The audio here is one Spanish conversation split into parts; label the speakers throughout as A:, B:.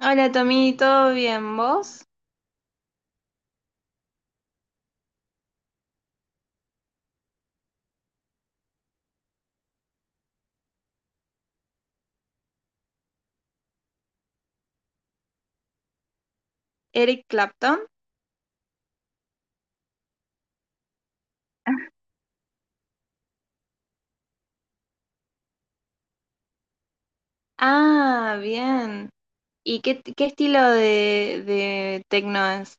A: Hola Tommy, ¿todo bien? ¿Vos? ¿Eric Clapton? Ah, bien. ¿Y qué estilo de tecno es?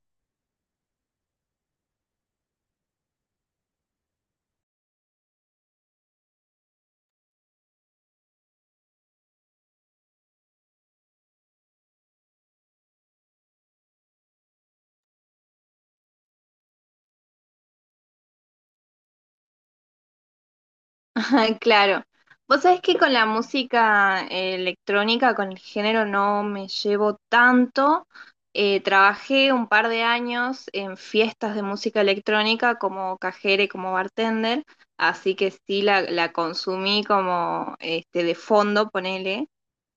A: Claro. Vos sabés que con la música electrónica, con el género, no me llevo tanto. Trabajé un par de años en fiestas de música electrónica como cajera y como bartender, así que sí la consumí como este, de fondo, ponele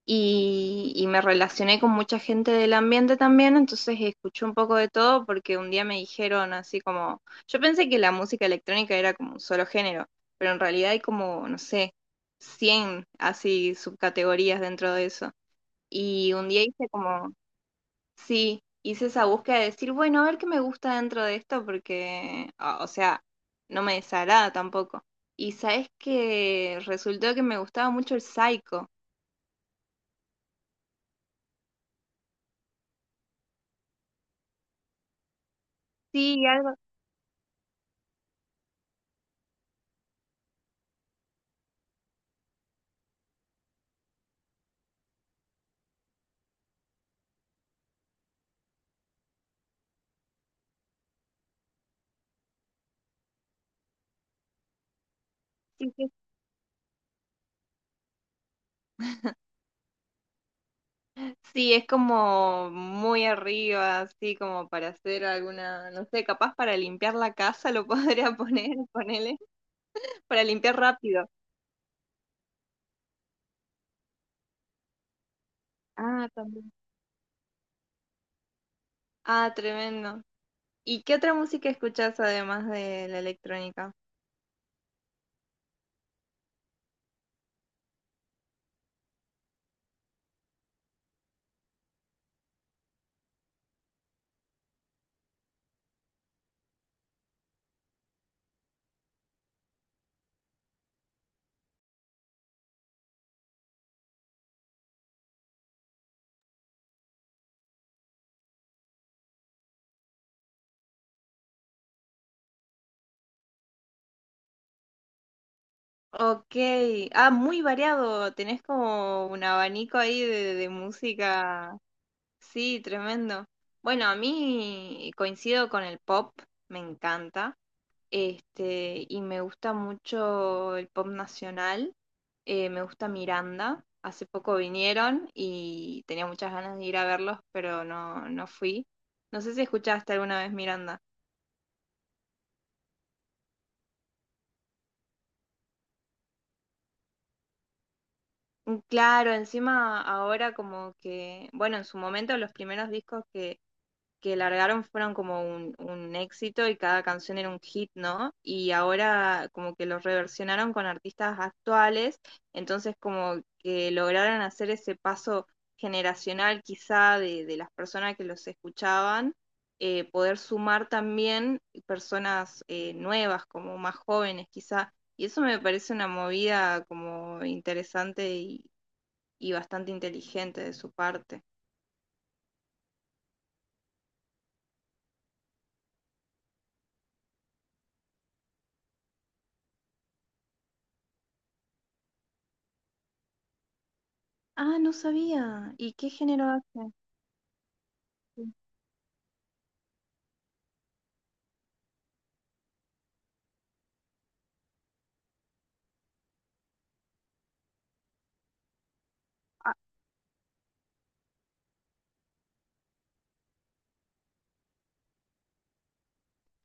A: y me relacioné con mucha gente del ambiente también, entonces escuché un poco de todo porque un día me dijeron así como, yo pensé que la música electrónica era como un solo género, pero en realidad hay como, no sé, 100 así subcategorías dentro de eso. Y un día hice como, sí, hice esa búsqueda de decir, bueno, a ver qué me gusta dentro de esto porque, o sea, no me desagrada tampoco. Y sabes que resultó que me gustaba mucho el psycho. Sí, algo, sí, sí, sí, es como muy arriba, así como para hacer alguna, no sé, capaz para limpiar la casa lo podría poner, ponele, para limpiar rápido. Ah, también. Ah, tremendo. ¿Y qué otra música escuchás además de la electrónica? Ok, ah, muy variado, tenés como un abanico ahí de música. Sí, tremendo. Bueno, a mí coincido con el pop, me encanta. Este, y me gusta mucho el pop nacional. Me gusta Miranda. Hace poco vinieron y tenía muchas ganas de ir a verlos, pero no fui. No sé si escuchaste alguna vez Miranda. Mm, claro, encima ahora como que, bueno, en su momento los primeros discos que largaron fueron como un éxito y cada canción era un hit, ¿no? Y ahora como que los reversionaron con artistas actuales, entonces como que lograron hacer ese paso generacional quizá de las personas que los escuchaban, poder sumar también personas nuevas, como más jóvenes quizá. Y eso me parece una movida como interesante y bastante inteligente de su parte. Ah, no sabía. ¿Y qué género hace? Ah,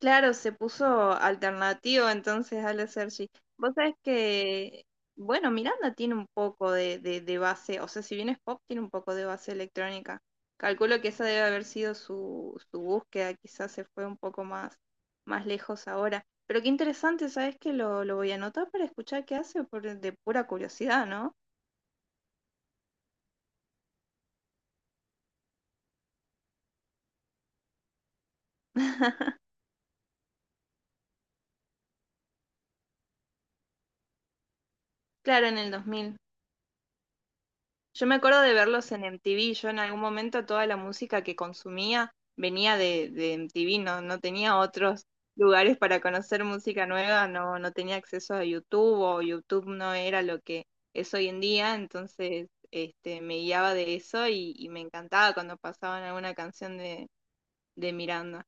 A: claro, se puso alternativo entonces al Sergi. Vos sabés que, bueno, Miranda tiene un poco de base, o sea, si bien es pop, tiene un poco de base electrónica. Calculo que esa debe haber sido su búsqueda, quizás se fue un poco más, más lejos ahora. Pero qué interesante, ¿sabés que lo voy a anotar para escuchar qué hace por, de pura curiosidad, ¿no? Claro, en el 2000. Yo me acuerdo de verlos en MTV. Yo en algún momento toda la música que consumía venía de MTV, no, no tenía otros lugares para conocer música nueva, no, no tenía acceso a YouTube o YouTube no era lo que es hoy en día, entonces este, me guiaba de eso y me encantaba cuando pasaban alguna canción de Miranda.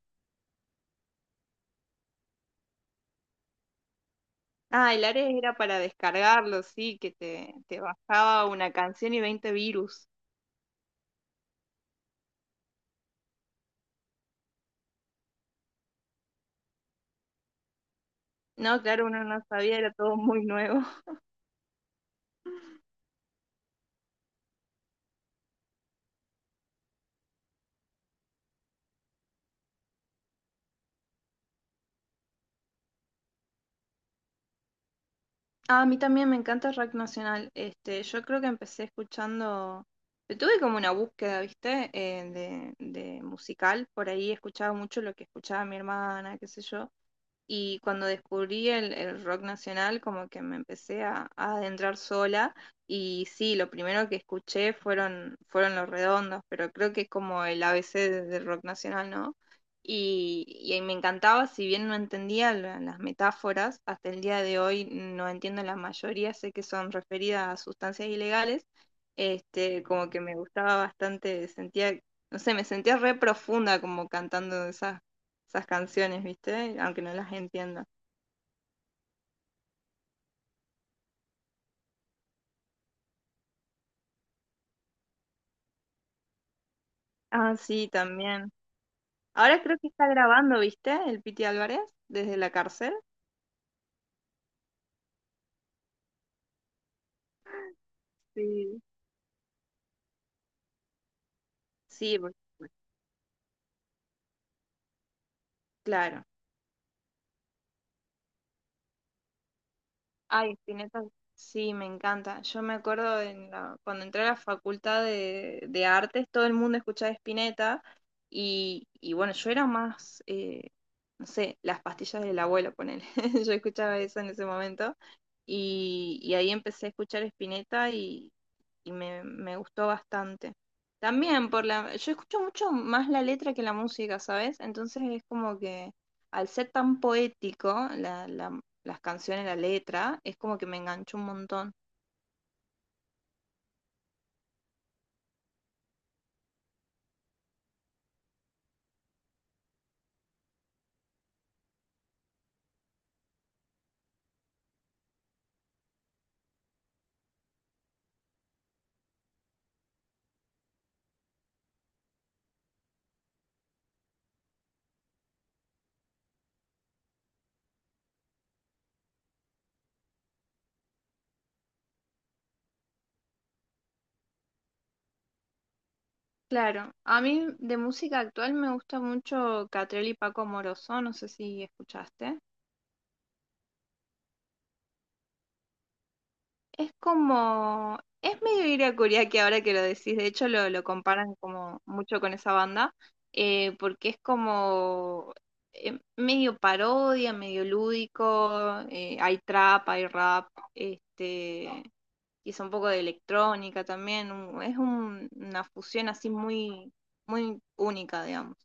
A: Ah, el Ares era para descargarlo, sí, te bajaba una canción y 20 virus. No, claro, uno no sabía, era todo muy nuevo. Ah, a mí también me encanta rock nacional. Este, yo creo que empecé escuchando, tuve como una búsqueda, ¿viste? De musical. Por ahí escuchaba mucho lo que escuchaba mi hermana, qué sé yo. Y cuando descubrí el rock nacional, como que me empecé a adentrar sola. Y sí, lo primero que escuché fueron, fueron Los Redondos, pero creo que es como el ABC de- del rock nacional, ¿no? Y ahí me encantaba, si bien no entendía la- las metáforas, hasta el día de hoy no entiendo la mayoría, sé que son referidas a sustancias ilegales, este, como que me gustaba bastante, sentía, no sé, me sentía re profunda como cantando esas canciones, ¿viste? Aunque no las entienda. Ah, sí, también. Ahora creo que está grabando, ¿viste? El Piti Álvarez desde la cárcel. Sí. Sí, por- claro. Ay, Spinetta, sí, me encanta. Yo me acuerdo en la- cuando entré a la facultad de artes, todo el mundo escuchaba Spinetta y bueno, yo era más, no sé, las pastillas del abuelo, ponele. Yo escuchaba eso en ese momento y ahí empecé a escuchar Spinetta y me gustó bastante. También por la, yo escucho mucho más la letra que la música, ¿sabes? Entonces es como que al ser tan poético, la las canciones, la letra, es como que me enganchó un montón. Claro, a mí de música actual me gusta mucho Catriel y Paco Amoroso, no sé si escuchaste. Es como, es medio Ira que ahora que lo decís, de hecho lo comparan como mucho con esa banda, porque es como medio parodia, medio lúdico, hay trap, hay rap, este, quizá un poco de electrónica también, una fusión así muy, muy única, digamos.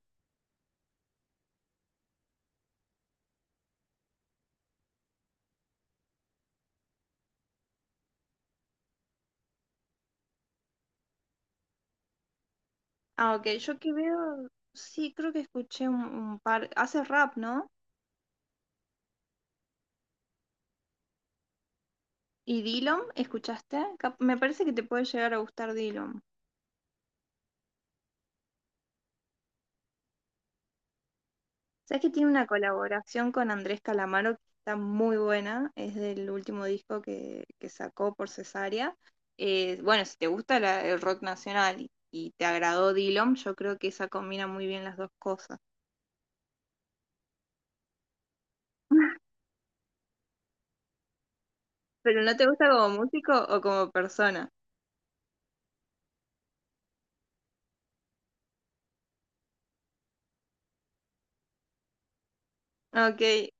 A: Ah, ok, yo que veo, sí, creo que escuché un par, hace rap, ¿no? ¿Y Dillom? ¿Escuchaste? Cap- Me parece que te puede llegar a gustar Dillom. ¿Sabes que tiene una colaboración con Andrés Calamaro que está muy buena? Es del último disco que sacó por Cesárea. Bueno, si te gusta la- el rock nacional y te agradó Dillom, yo creo que esa combina muy bien las dos cosas. ¿Pero no te gusta como músico o como persona? Ok,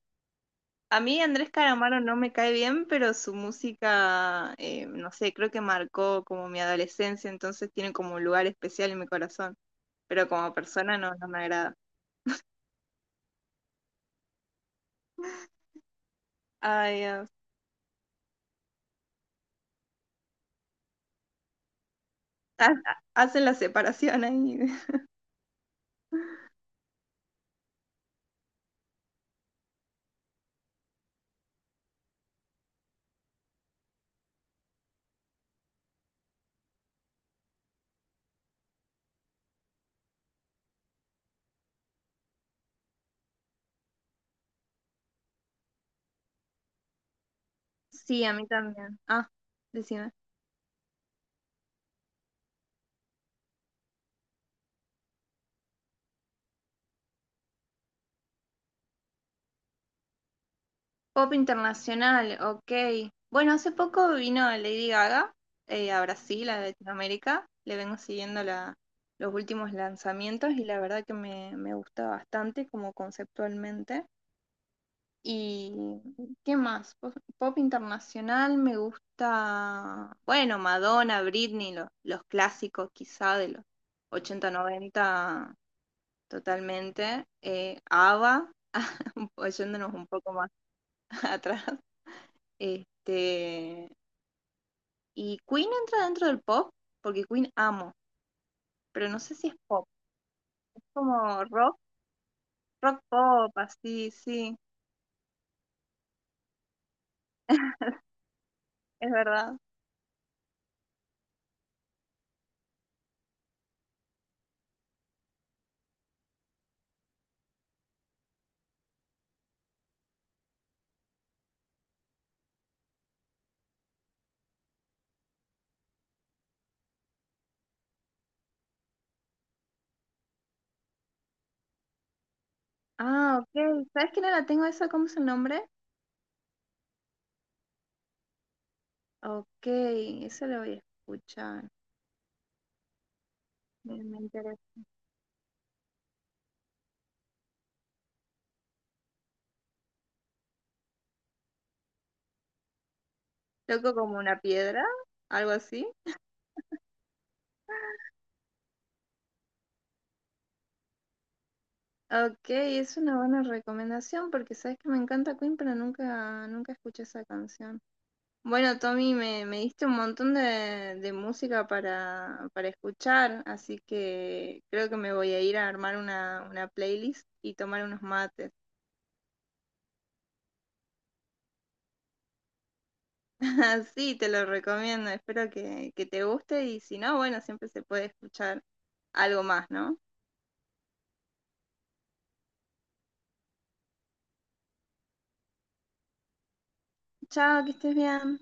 A: a mí Andrés Calamaro no me cae bien, pero su música, no sé, creo que marcó como mi adolescencia, entonces tiene como un lugar especial en mi corazón, pero como persona no, no me agrada. Ay, Dios. Ha- Hacen la separación ahí. Sí, a mí también. Ah, decime. Pop internacional, ok. Bueno, hace poco vino Lady Gaga a Brasil, a Latinoamérica. Le vengo siguiendo la, los últimos lanzamientos y la verdad que me gusta bastante como conceptualmente. ¿Y qué más? Pop, pop internacional me gusta, bueno, Madonna, Britney, lo- los clásicos quizá de los 80 90 totalmente. ABBA, un yéndonos un poco más atrás. Este, y Queen entra dentro del pop, porque Queen amo, pero no sé si es pop, es como rock, rock pop, así, sí, es verdad. Ah, ok, ¿sabes que no la tengo esa? ¿Cómo es el nombre? Ok, eso lo voy a escuchar. Me interesa. Loco como una piedra, algo así. Ok, es una buena recomendación porque sabes que me encanta Queen, pero nunca, nunca escuché esa canción. Bueno, Tommy, me diste un montón de música para escuchar, así que creo que me voy a ir a armar una playlist y tomar unos mates. Así te lo recomiendo, espero que te guste y si no, bueno, siempre se puede escuchar algo más, ¿no? Chao, que estés bien.